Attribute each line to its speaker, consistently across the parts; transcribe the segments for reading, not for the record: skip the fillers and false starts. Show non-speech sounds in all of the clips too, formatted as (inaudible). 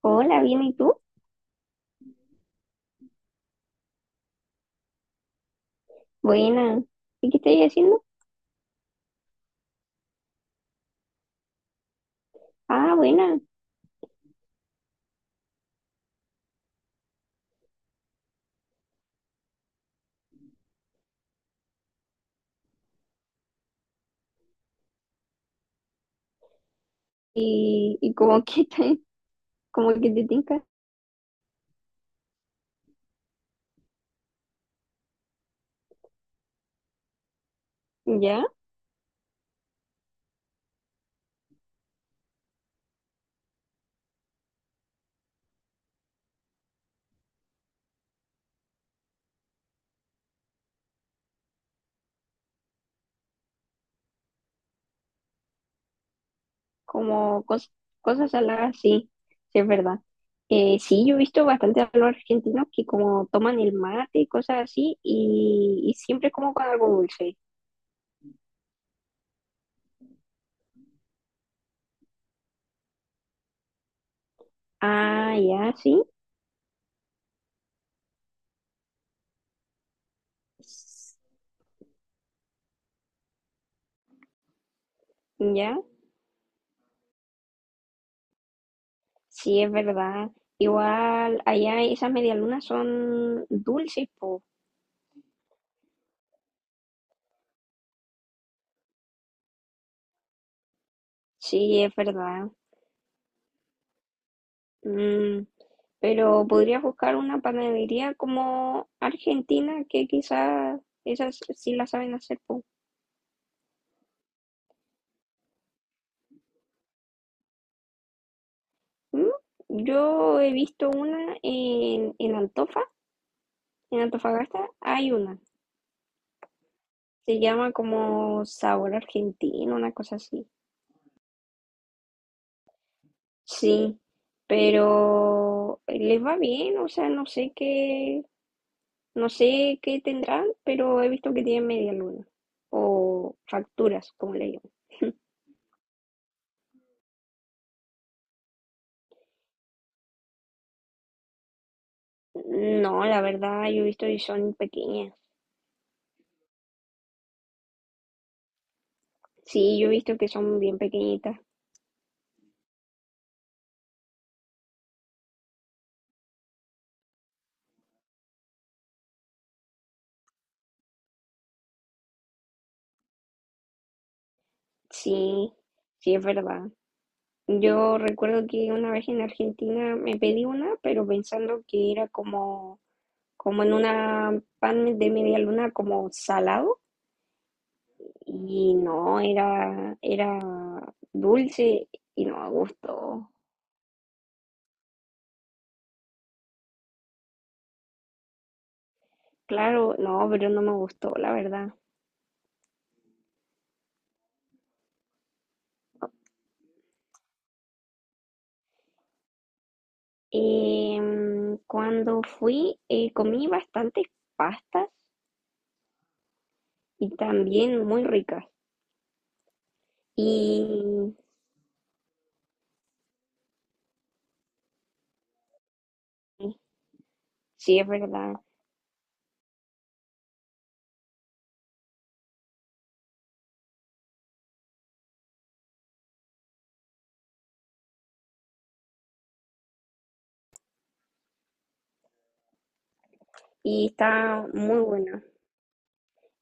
Speaker 1: Hola, bien, ¿y tú? Buena. ¿Y qué estáis haciendo? Ah, buena. ¿Y como (laughs) como que te tinca? ¿Ya? Como cos- cosas saladas, sí, sí, es verdad. Sí, yo he visto bastante a los argentinos que como toman el mate y cosas así, y siempre como con algo dulce. Ah, ya, sí. S- Ya, sí, es verdad. Igual, allá esas medialunas son dulces, po. Sí, es verdad. Mm, pero podrías buscar una panadería como Argentina, que quizás esas sí la saben hacer, po. ¿Mm? Yo he visto una en Antofa, en Antofagasta hay una. Se llama como Sabor Argentino, una cosa así. Sí, pero les va bien, o sea, no sé qué tendrán, pero he visto que tienen media luna o facturas, como le llaman. No, la verdad, yo he visto y son pequeñas. Sí, yo he visto que son bien pequeñitas. Sí, sí, es verdad. Yo recuerdo que una vez en Argentina me pedí una, pero pensando que era como, como en una pan de media luna, como salado. Y no, era dulce y no me gustó. Claro, no, pero no me gustó, la verdad. Em, cuando fui, comí bastantes pastas y también muy ricas. Y sí, es verdad. Y está muy buena.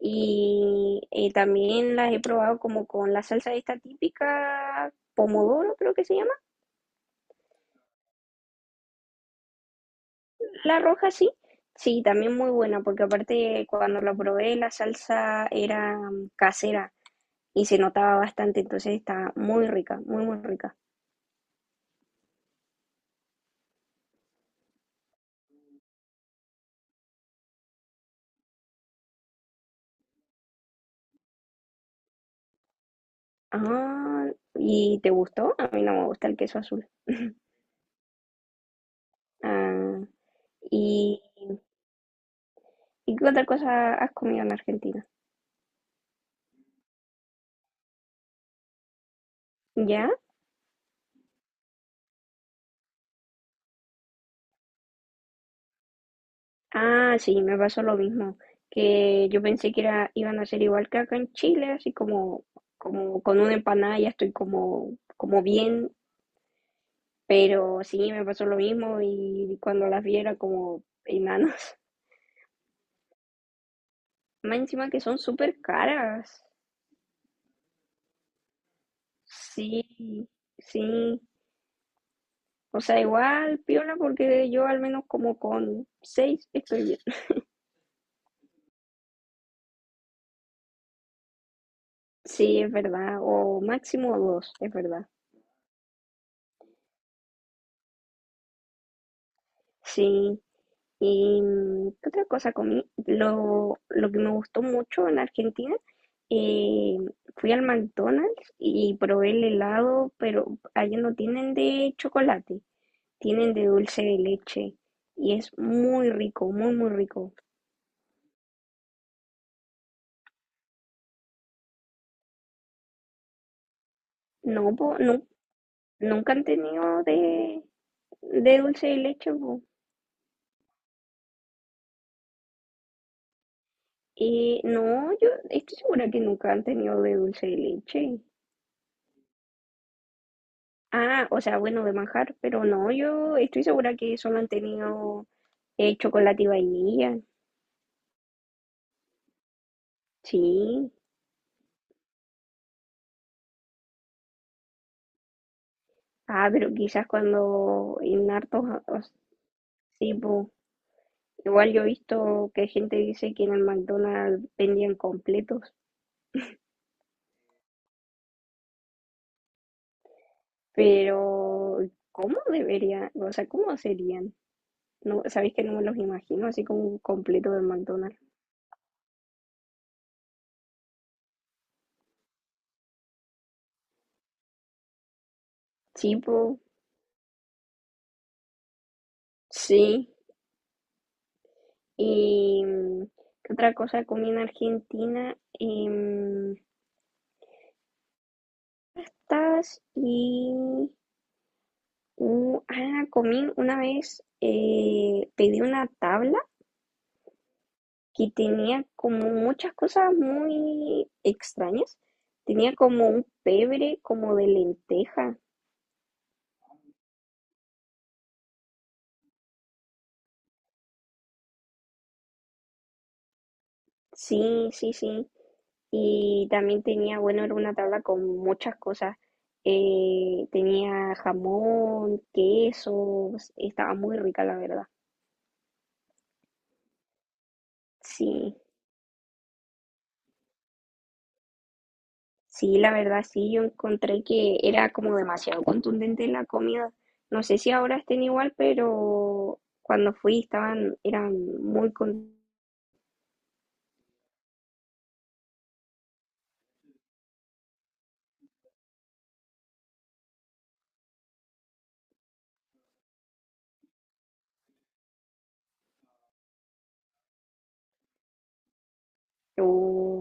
Speaker 1: Y también las he probado como con la salsa esta típica, pomodoro creo que se llama, la roja sí. Sí, también muy buena, porque aparte cuando la probé la salsa era casera y se notaba bastante, entonces está muy rica, muy, muy rica. Ah, ¿y te gustó? A mí no me gusta el queso azul. (laughs) Ah, y ¿Y qué otra cosa has comido en Argentina? ¿Ya? Ah, sí, me pasó lo mismo, que yo pensé que era, iban a ser igual que acá en Chile, como con una empanada ya estoy como, como bien, pero sí, me pasó lo mismo y cuando las vi era como enanos. (laughs) Más encima que son súper caras. Sí, sí. O sea, igual, piola, porque yo al menos como con seis estoy bien. (laughs) Sí, es verdad. O máximo dos, es verdad. Sí, y mm, ¿qué otra cosa comí? Lo que me gustó mucho en Argentina, eh, fui al McDonald's y probé el helado, pero allá no tienen de chocolate, tienen de dulce de leche. Y es muy rico, muy, muy rico. No, po, no, nunca han tenido de dulce de leche, po. No, yo estoy segura que nunca han tenido de dulce de leche. Ah, o sea, bueno, de manjar, pero no, yo estoy segura que solo han tenido chocolate y vainilla, sí. Ah, pero quizás cuando en hartos, os- sí, po. Igual yo he visto que gente dice que en el McDonald's vendían completos, pero ¿cómo deberían? O sea, ¿cómo serían? No, sabéis que no me los imagino así como un completo del McDonald's. Sí, po, sí. Y mm, ¿qué otra cosa comí en Argentina? Em, tas y ah, comí una vez, pedí una tabla que tenía como muchas cosas muy extrañas. Tenía como un pebre, como de lenteja. Sí, sí, sí. Y también tenía, bueno, era una tabla con muchas cosas. Tenía jamón, quesos, estaba muy rica, la verdad. Sí. Sí, la verdad sí, yo encontré que era como demasiado contundente la comida. No sé si ahora estén igual, pero cuando fui estaban, eran muy contundentes,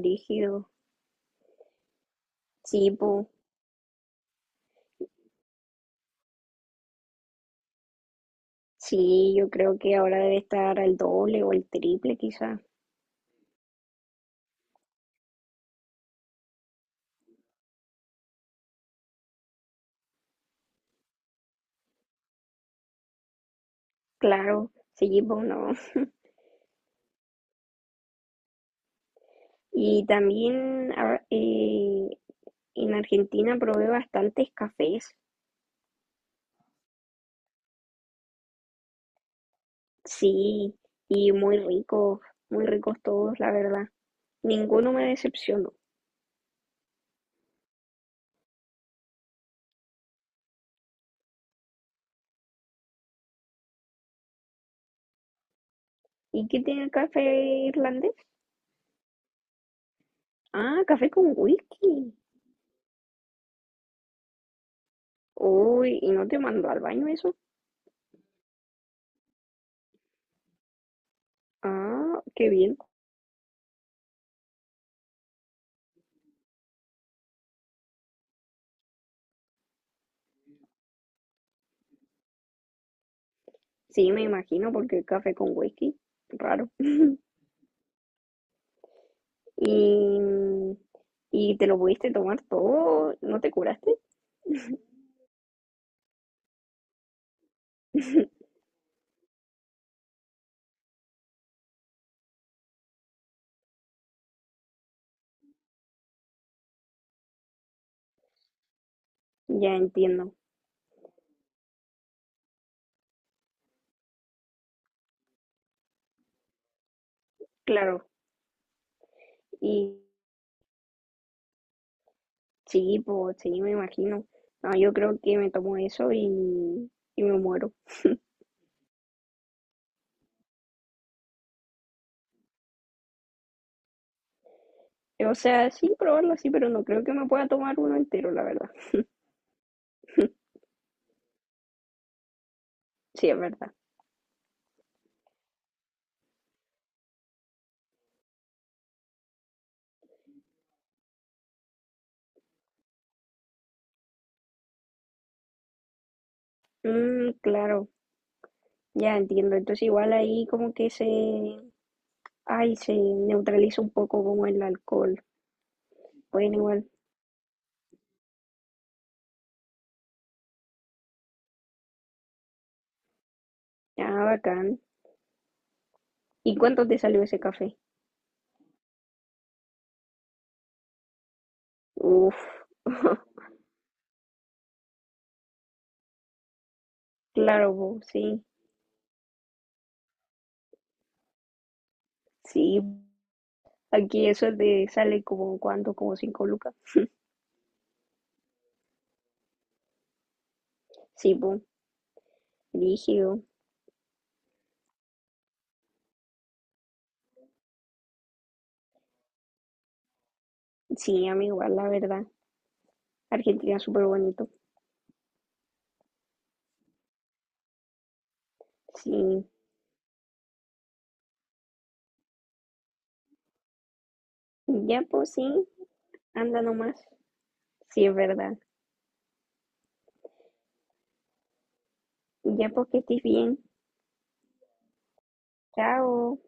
Speaker 1: rígidos. Sí, po. Sí, yo creo que ahora debe estar al doble o el triple quizá. Claro, sí, po, no. Y también en Argentina probé bastantes cafés, sí, y muy ricos todos, la verdad. Ninguno me decepcionó. ¿Y qué tiene el café irlandés? Ah, café con whisky. Uy, ¿y no te mandó al baño eso? Ah, qué bien. Sí, me imagino, porque el café con whisky, raro. (laughs) Y, y te lo pudiste tomar todo, ¿no te curaste? (laughs) Ya entiendo, claro. Y sí, pues sí, me imagino. No, yo creo que me tomo eso y me muero. O sea, sí, probarlo así, pero no creo que me pueda tomar uno entero, la verdad. Sí, es verdad. Mm, claro. Ya entiendo. Entonces igual ahí como que se, ay, se neutraliza un poco como el alcohol. Bueno, igual. Ah, bacán. ¿Y cuánto te salió ese café? Uf, (laughs) claro, po, sí, sí. Aquí eso te sale como cuánto, como cinco lucas. Sí, po, rígido. Sí, a mí igual, la verdad. Argentina es súper bonito. Sí. Ya, pues sí, anda nomás. Sí, es verdad. Ya, pues que estés bien. Chao.